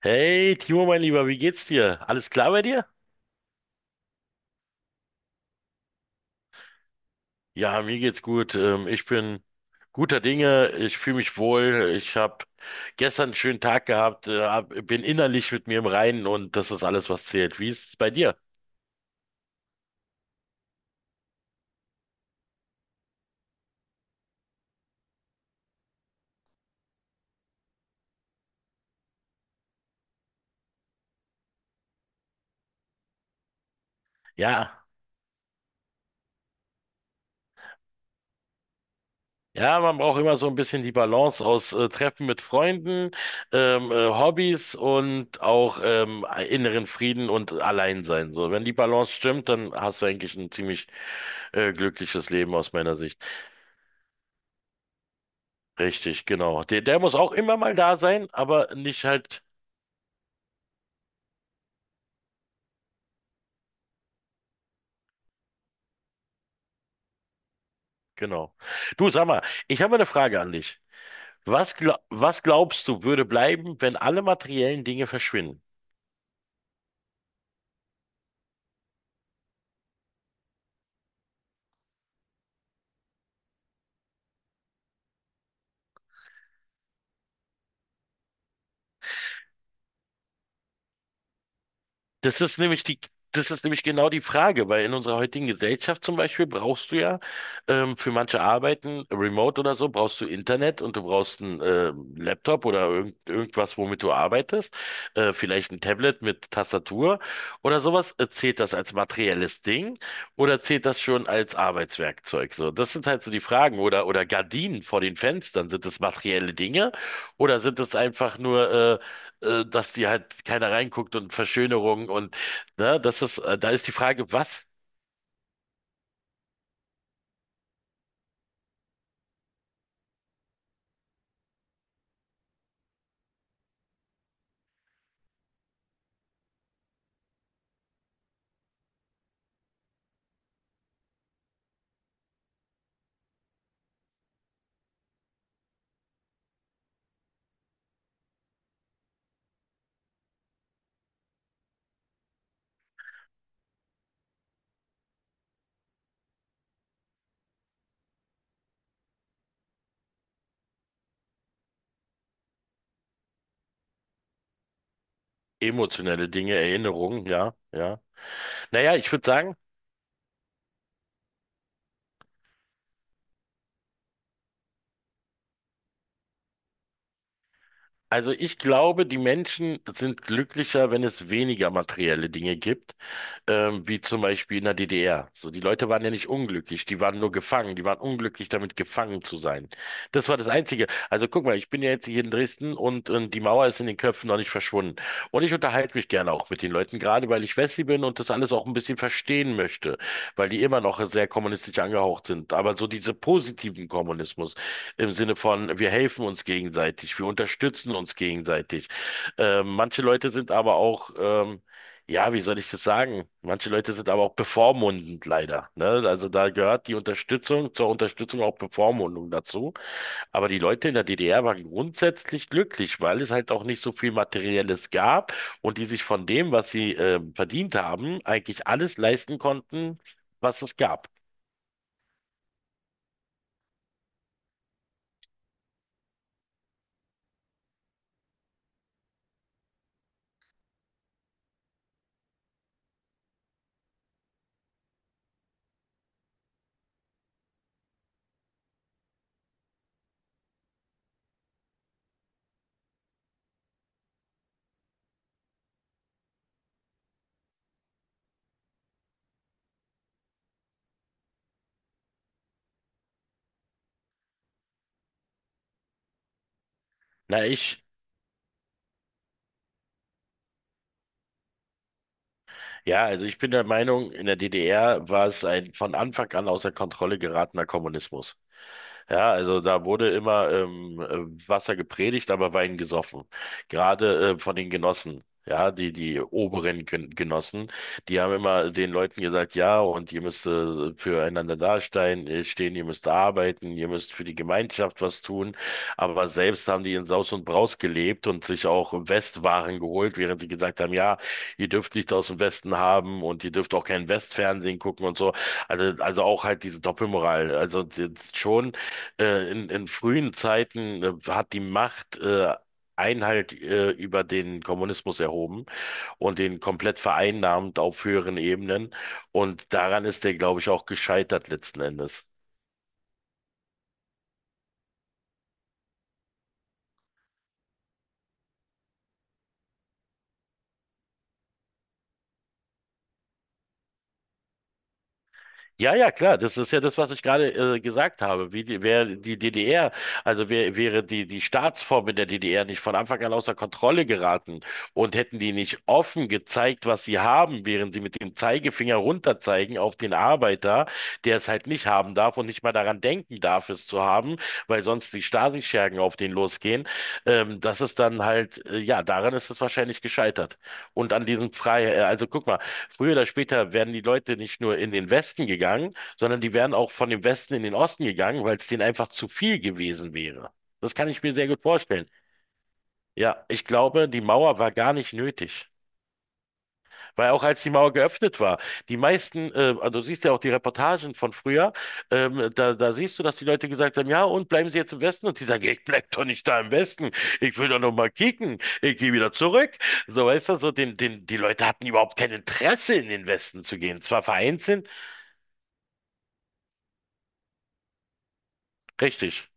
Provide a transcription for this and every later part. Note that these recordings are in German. Hey, Timo, mein Lieber, wie geht's dir? Alles klar bei dir? Ja, mir geht's gut. Ich bin guter Dinge. Ich fühle mich wohl. Ich habe gestern einen schönen Tag gehabt. Bin innerlich mit mir im Reinen und das ist alles, was zählt. Wie ist es bei dir? Ja. Ja, man braucht immer so ein bisschen die Balance aus Treffen mit Freunden, Hobbys und auch inneren Frieden und Alleinsein. So, wenn die Balance stimmt, dann hast du eigentlich ein ziemlich glückliches Leben aus meiner Sicht. Richtig, genau. Der muss auch immer mal da sein, aber nicht halt, genau. Du, sag mal, ich habe eine Frage an dich. Was glaubst du, würde bleiben, wenn alle materiellen Dinge verschwinden? Das ist nämlich die, Das ist nämlich genau die Frage, weil in unserer heutigen Gesellschaft zum Beispiel brauchst du ja für manche Arbeiten, remote oder so, brauchst du Internet und du brauchst einen Laptop oder irgendwas, womit du arbeitest, vielleicht ein Tablet mit Tastatur oder sowas. Zählt das als materielles Ding oder zählt das schon als Arbeitswerkzeug? So, das sind halt so die Fragen. Oder Gardinen vor den Fenstern, sind das materielle Dinge oder sind das einfach nur äh, dass die halt keiner reinguckt und Verschönerung und ne, das ist, da ist die Frage, was emotionelle Dinge, Erinnerungen, ja, ja. Naja, ich würde sagen, also ich glaube, die Menschen sind glücklicher, wenn es weniger materielle Dinge gibt. Wie zum Beispiel in der DDR. So, die Leute waren ja nicht unglücklich, die waren nur gefangen, die waren unglücklich damit gefangen zu sein. Das war das Einzige. Also guck mal, ich bin ja jetzt hier in Dresden und, die Mauer ist in den Köpfen noch nicht verschwunden. Und ich unterhalte mich gerne auch mit den Leuten, gerade weil ich Wessi bin und das alles auch ein bisschen verstehen möchte, weil die immer noch sehr kommunistisch angehaucht sind. Aber so diese positiven Kommunismus im Sinne von, wir helfen uns gegenseitig, wir unterstützen uns gegenseitig. Manche Leute sind aber auch, ja, wie soll ich das sagen? Manche Leute sind aber auch bevormundend leider, ne? Also da gehört die Unterstützung zur Unterstützung auch Bevormundung dazu. Aber die Leute in der DDR waren grundsätzlich glücklich, weil es halt auch nicht so viel Materielles gab und die sich von dem, was sie verdient haben, eigentlich alles leisten konnten, was es gab. Na, ich, ja, also ich bin der Meinung, in der DDR war es ein von Anfang an außer Kontrolle geratener Kommunismus. Ja, also da wurde immer Wasser gepredigt, aber Wein gesoffen. Gerade von den Genossen. Ja, die oberen Genossen, die haben immer den Leuten gesagt, ja, und ihr müsst füreinander stehen, ihr müsst arbeiten, ihr müsst für die Gemeinschaft was tun. Aber selbst haben die in Saus und Braus gelebt und sich auch Westwaren geholt, während sie gesagt haben, ja, ihr dürft nicht aus dem Westen haben und ihr dürft auch kein Westfernsehen gucken und so. Also auch halt diese Doppelmoral. Also das schon in frühen Zeiten hat die Macht Einhalt über den Kommunismus erhoben und den komplett vereinnahmt auf höheren Ebenen. Und daran ist der, glaube ich, auch gescheitert letzten Endes. Ja, klar, das ist ja das, was ich gerade gesagt habe. Wäre die DDR, wäre die Staatsform in der DDR nicht von Anfang an außer Kontrolle geraten und hätten die nicht offen gezeigt, was sie haben, während sie mit dem Zeigefinger runterzeigen auf den Arbeiter, der es halt nicht haben darf und nicht mal daran denken darf, es zu haben, weil sonst die Stasi-Schergen auf den losgehen. Das ist dann halt, ja, daran ist es wahrscheinlich gescheitert. Und an diesem Freiheit. Also guck mal, früher oder später werden die Leute nicht nur in den Westen gegangen, sondern die wären auch von dem Westen in den Osten gegangen, weil es denen einfach zu viel gewesen wäre. Das kann ich mir sehr gut vorstellen. Ja, ich glaube, die Mauer war gar nicht nötig. Weil auch als die Mauer geöffnet war, die meisten, also du siehst ja auch die Reportagen von früher, da siehst du, dass die Leute gesagt haben, ja, und bleiben Sie jetzt im Westen? Und die sagen, ich bleib doch nicht da im Westen, ich will doch noch mal kicken, ich gehe wieder zurück. So, weißt du, die Leute hatten überhaupt kein Interesse, in den Westen zu gehen. Zwar vereinzelt, richtig.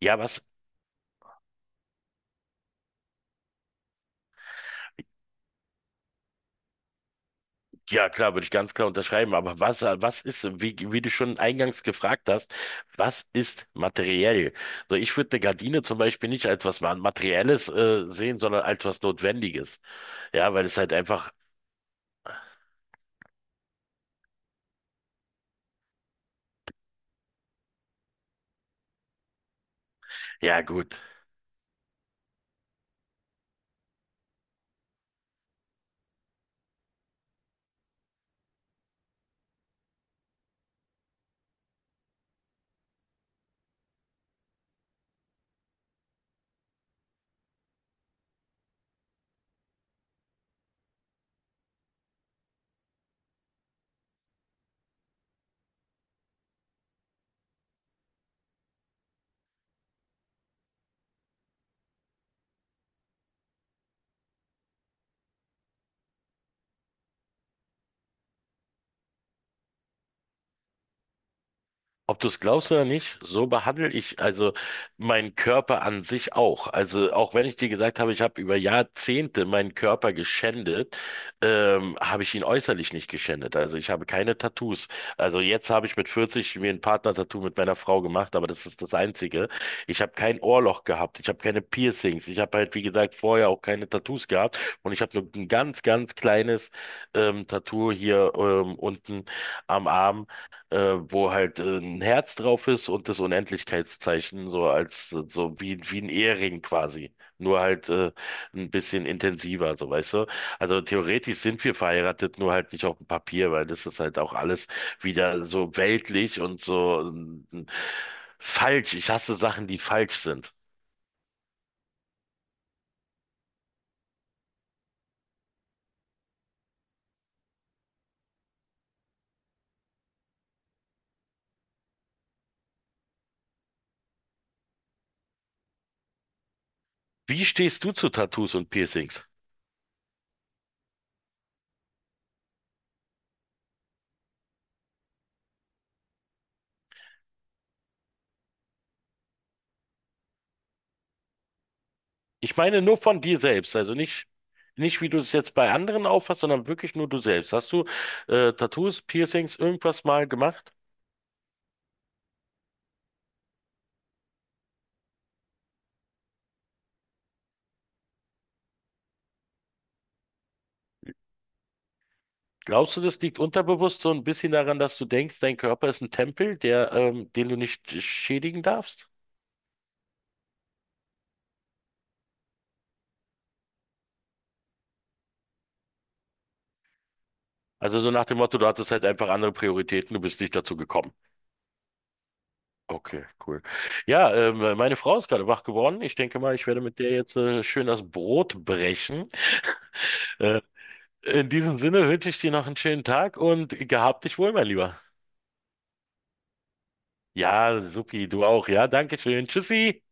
Ja, was? Ja, klar, würde ich ganz klar unterschreiben. Aber was ist, wie du schon eingangs gefragt hast, was ist materiell? So, ich würde eine Gardine zum Beispiel nicht als was Materielles, sehen, sondern als was Notwendiges. Ja, weil es halt einfach, ja gut, ob du es glaubst oder nicht, so behandle ich also meinen Körper an sich auch. Also auch wenn ich dir gesagt habe, ich habe über Jahrzehnte meinen Körper geschändet, habe ich ihn äußerlich nicht geschändet. Also ich habe keine Tattoos. Also jetzt habe ich mit 40 mir ein Partner-Tattoo mit meiner Frau gemacht, aber das ist das Einzige. Ich habe kein Ohrloch gehabt, ich habe keine Piercings, ich habe halt, wie gesagt, vorher auch keine Tattoos gehabt und ich habe nur ein ganz kleines Tattoo hier unten am Arm äh, wo halt ein Herz drauf ist und das Unendlichkeitszeichen, so als wie ein Ehering quasi. Nur halt ein bisschen intensiver, so weißt du. Also theoretisch sind wir verheiratet, nur halt nicht auf dem Papier, weil das ist halt auch alles wieder so weltlich und so falsch. Ich hasse Sachen, die falsch sind. Wie stehst du zu Tattoos und Piercings? Ich meine nur von dir selbst, also nicht, nicht wie du es jetzt bei anderen auffasst, sondern wirklich nur du selbst. Hast du Tattoos, Piercings, irgendwas mal gemacht? Glaubst du, das liegt unterbewusst so ein bisschen daran, dass du denkst, dein Körper ist ein Tempel, der, den du nicht schädigen darfst? Also so nach dem Motto, du hattest halt einfach andere Prioritäten, du bist nicht dazu gekommen. Okay, cool. Ja, meine Frau ist gerade wach geworden. Ich denke mal, ich werde mit der jetzt schön das Brot brechen. Äh, in diesem Sinne wünsche ich dir noch einen schönen Tag und gehabt dich wohl, mein Lieber. Ja, supi, du auch. Ja, danke schön. Tschüssi.